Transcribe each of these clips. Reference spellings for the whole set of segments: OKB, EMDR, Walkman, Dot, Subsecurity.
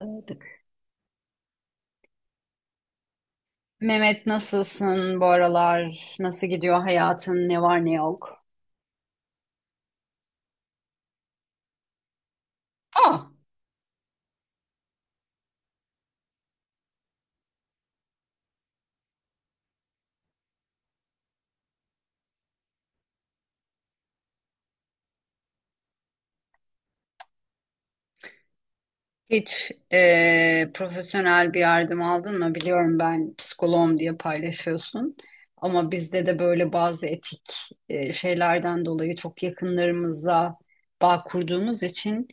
Aldık. Mehmet, nasılsın bu aralar? Nasıl gidiyor hayatın? Ne var ne yok? Ah, hiç profesyonel bir yardım aldın mı? Biliyorum, ben psikoloğum diye paylaşıyorsun. Ama bizde de böyle bazı etik şeylerden dolayı çok yakınlarımıza bağ kurduğumuz için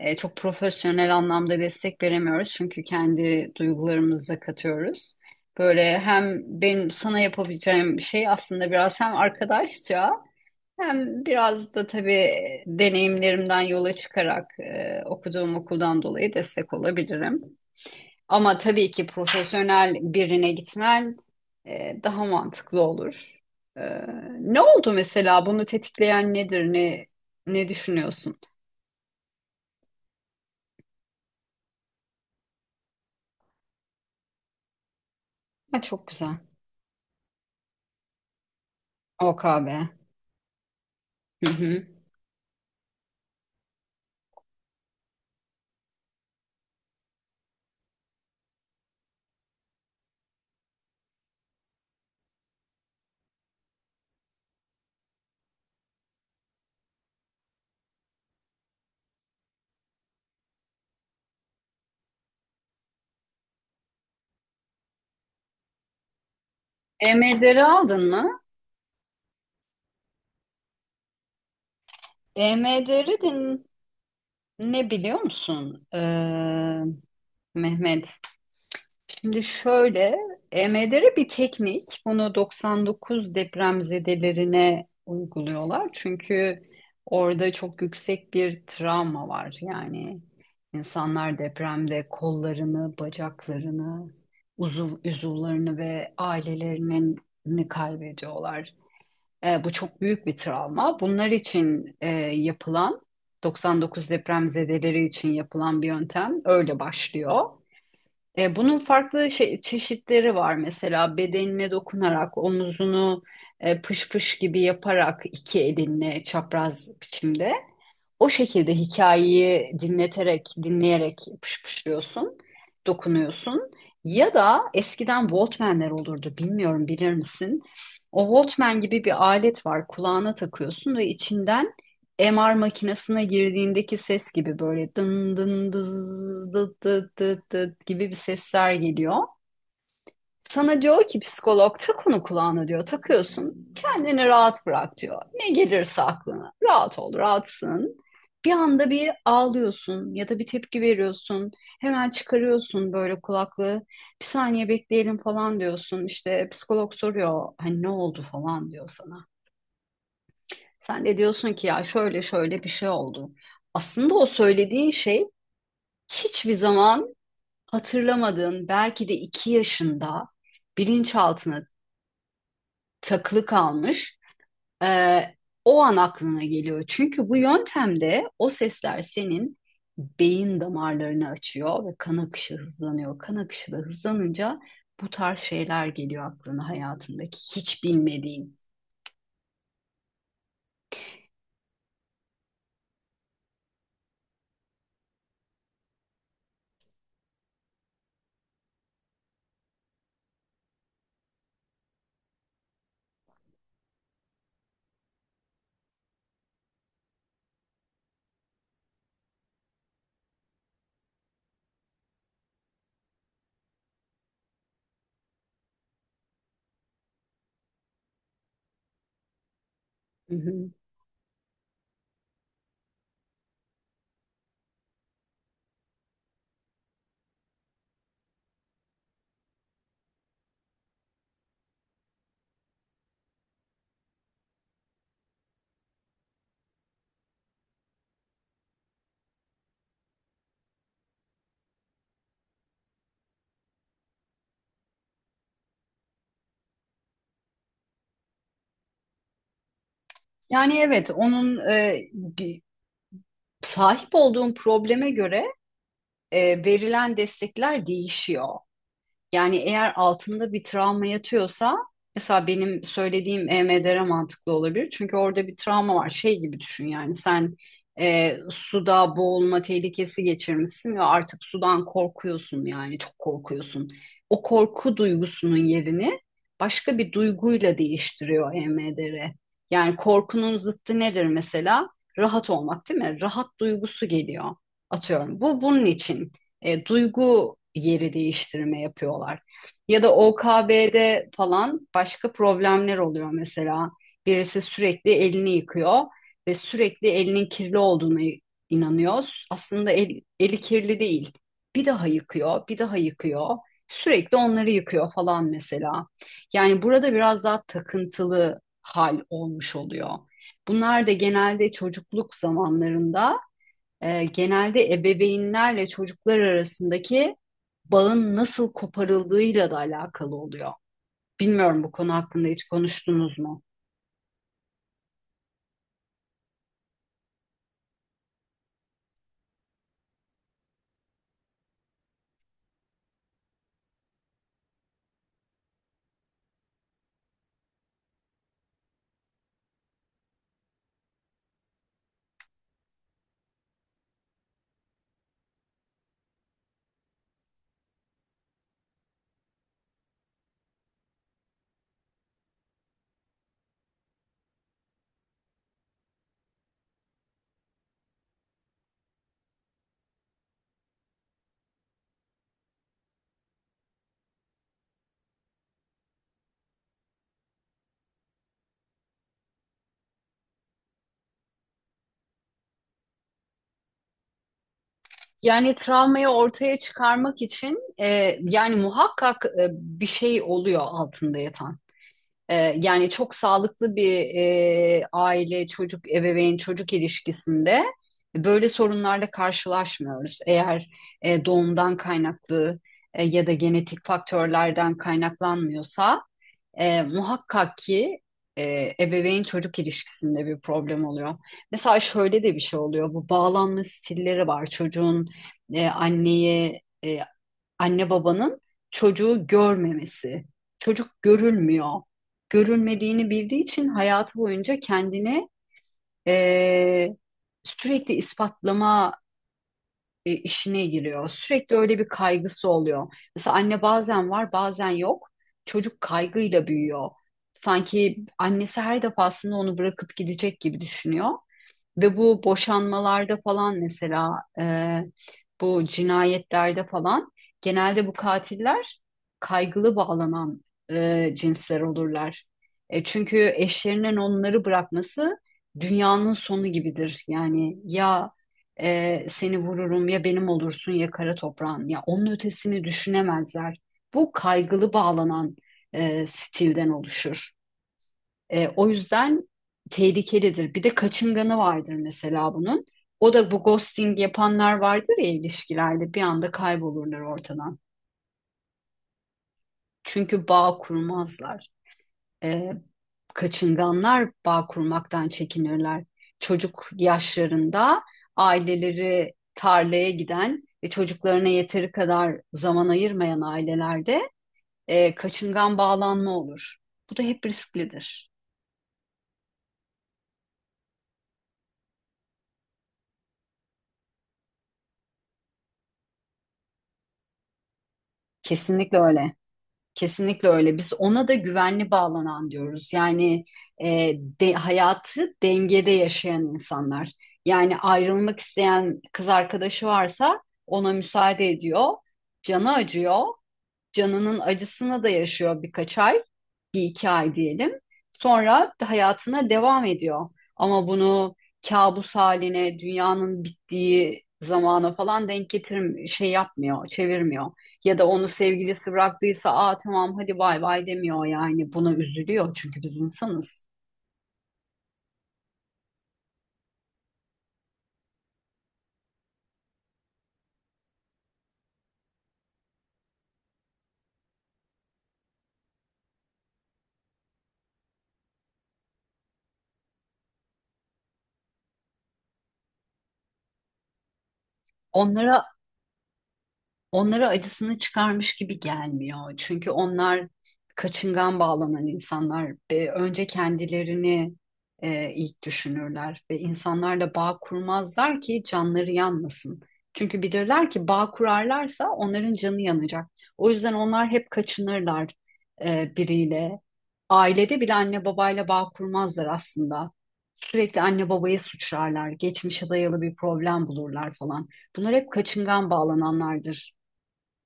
çok profesyonel anlamda destek veremiyoruz. Çünkü kendi duygularımızı katıyoruz. Böyle hem benim sana yapabileceğim şey aslında biraz hem arkadaşça, hem biraz da tabii deneyimlerimden yola çıkarak okuduğum okuldan dolayı destek olabilirim. Ama tabii ki profesyonel birine gitmen daha mantıklı olur. E, ne oldu mesela? Bunu tetikleyen nedir? Ne düşünüyorsun? Ha, çok güzel. OKB. Hı hı. EMDR'i aldın mı? EMDR'i de ne biliyor musun? Mehmet, şimdi şöyle, EMDR bir teknik. Bunu 99 depremzedelerine uyguluyorlar. Çünkü orada çok yüksek bir travma var. Yani insanlar depremde kollarını, bacaklarını, uzuvlarını ve ailelerini kaybediyorlar. Bu çok büyük bir travma. Bunlar için yapılan, 99 depremzedeleri için yapılan bir yöntem öyle başlıyor. Bunun farklı çeşitleri var. Mesela bedenine dokunarak omuzunu pış pış gibi yaparak iki elinle çapraz biçimde. O şekilde hikayeyi dinleyerek pışpışlıyorsun, dokunuyorsun. Ya da eskiden Walkman'ler olurdu, bilmiyorum, bilir misin? O Walkman gibi bir alet var, kulağına takıyorsun ve içinden MR makinesine girdiğindeki ses gibi böyle dın dın dız dıt dıt dıt dıt gibi bir sesler geliyor. Sana diyor ki psikolog, tak onu kulağına diyor, takıyorsun, kendini rahat bırak diyor. Ne gelirse aklına rahat ol, rahatsın. Bir anda bir ağlıyorsun ya da bir tepki veriyorsun. Hemen çıkarıyorsun böyle kulaklığı. Bir saniye bekleyelim falan diyorsun. İşte psikolog soruyor, hani ne oldu falan diyor sana. Sen de diyorsun ki ya şöyle şöyle bir şey oldu. Aslında o söylediğin şey hiçbir zaman hatırlamadığın, belki de 2 yaşında bilinçaltına takılı kalmış. Ee, o an aklına geliyor. Çünkü bu yöntemde o sesler senin beyin damarlarını açıyor ve kan akışı hızlanıyor. Kan akışı da hızlanınca bu tarz şeyler geliyor aklına, hayatındaki hiç bilmediğin. Hı hı. Yani evet, onun di- sahip olduğun probleme göre verilen destekler değişiyor. Yani eğer altında bir travma yatıyorsa mesela benim söylediğim EMDR mantıklı olabilir. Çünkü orada bir travma var. Şey gibi düşün, yani sen suda boğulma tehlikesi geçirmişsin ve artık sudan korkuyorsun, yani çok korkuyorsun. O korku duygusunun yerini başka bir duyguyla değiştiriyor EMDR. Yani korkunun zıttı nedir mesela? Rahat olmak değil mi? Rahat duygusu geliyor. Atıyorum. Bunun için duygu yeri değiştirme yapıyorlar. Ya da OKB'de falan başka problemler oluyor mesela. Birisi sürekli elini yıkıyor ve sürekli elinin kirli olduğuna inanıyor. Aslında eli kirli değil. Bir daha yıkıyor, bir daha yıkıyor. Sürekli onları yıkıyor falan mesela. Yani burada biraz daha takıntılı hal olmuş oluyor. Bunlar da genelde çocukluk zamanlarında, genelde ebeveynlerle çocuklar arasındaki bağın nasıl koparıldığıyla da alakalı oluyor. Bilmiyorum, bu konu hakkında hiç konuştunuz mu? Yani travmayı ortaya çıkarmak için yani muhakkak bir şey oluyor altında yatan. Yani çok sağlıklı bir aile, çocuk, ebeveyn, çocuk ilişkisinde böyle sorunlarla karşılaşmıyoruz. Eğer doğumdan kaynaklı ya da genetik faktörlerden kaynaklanmıyorsa muhakkak ki e, ebeveyn çocuk ilişkisinde bir problem oluyor. Mesela şöyle de bir şey oluyor. Bu bağlanma stilleri var. Çocuğun e, anneye, e, anne babanın çocuğu görmemesi. Çocuk görülmüyor. Görülmediğini bildiği için hayatı boyunca kendine e, sürekli ispatlama işine giriyor. Sürekli öyle bir kaygısı oluyor. Mesela anne bazen var, bazen yok. Çocuk kaygıyla büyüyor. Sanki annesi her defasında onu bırakıp gidecek gibi düşünüyor. Ve bu boşanmalarda falan mesela, bu cinayetlerde falan genelde bu katiller kaygılı bağlanan cinsler olurlar. Çünkü eşlerinin onları bırakması dünyanın sonu gibidir. Yani ya seni vururum ya benim olursun ya kara toprağın, ya onun ötesini düşünemezler. Bu kaygılı bağlanan stilden oluşur. O yüzden tehlikelidir. Bir de kaçınganı vardır mesela bunun. O da bu ghosting yapanlar vardır ya, ilişkilerde bir anda kaybolurlar ortadan. Çünkü bağ kurmazlar. E, kaçınganlar bağ kurmaktan çekinirler. Çocuk yaşlarında aileleri tarlaya giden ve çocuklarına yeteri kadar zaman ayırmayan ailelerde kaçıngan bağlanma olur. Bu da hep risklidir. Kesinlikle öyle. Kesinlikle öyle. Biz ona da güvenli bağlanan diyoruz. Yani e, hayatı dengede yaşayan insanlar. Yani ayrılmak isteyen kız arkadaşı varsa ona müsaade ediyor. Canı acıyor. Canının acısını da yaşıyor birkaç ay, bir iki ay diyelim. Sonra hayatına devam ediyor. Ama bunu kabus haline, dünyanın bittiği zamana falan denk getir, şey yapmıyor, çevirmiyor. Ya da onu sevgilisi bıraktıysa, aa tamam hadi bay bay demiyor yani. Buna üzülüyor çünkü biz insanız. Onlara Onlara acısını çıkarmış gibi gelmiyor. Çünkü onlar kaçıngan bağlanan insanlar ve önce kendilerini ilk düşünürler ve insanlarla bağ kurmazlar ki canları yanmasın. Çünkü bilirler ki bağ kurarlarsa onların canı yanacak. O yüzden onlar hep kaçınırlar biriyle. Ailede bile anne babayla bağ kurmazlar aslında. Sürekli anne babaya suçlarlar, geçmişe dayalı bir problem bulurlar falan. Bunlar hep kaçıngan bağlananlardır.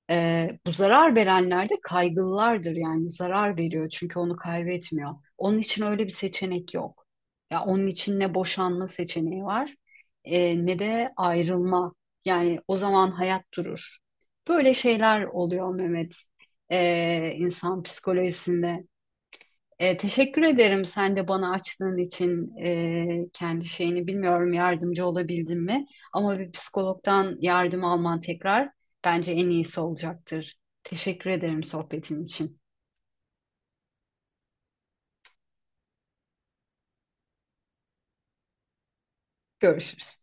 Bu zarar verenler de kaygılılardır, yani zarar veriyor çünkü onu kaybetmiyor. Onun için öyle bir seçenek yok. Ya onun için ne boşanma seçeneği var, ne de ayrılma. Yani o zaman hayat durur. Böyle şeyler oluyor Mehmet, insan psikolojisinde. Teşekkür ederim sen de bana açtığın için. Kendi şeyini bilmiyorum, yardımcı olabildim mi? Ama bir psikologdan yardım alman tekrar bence en iyisi olacaktır. Teşekkür ederim sohbetin için. Görüşürüz.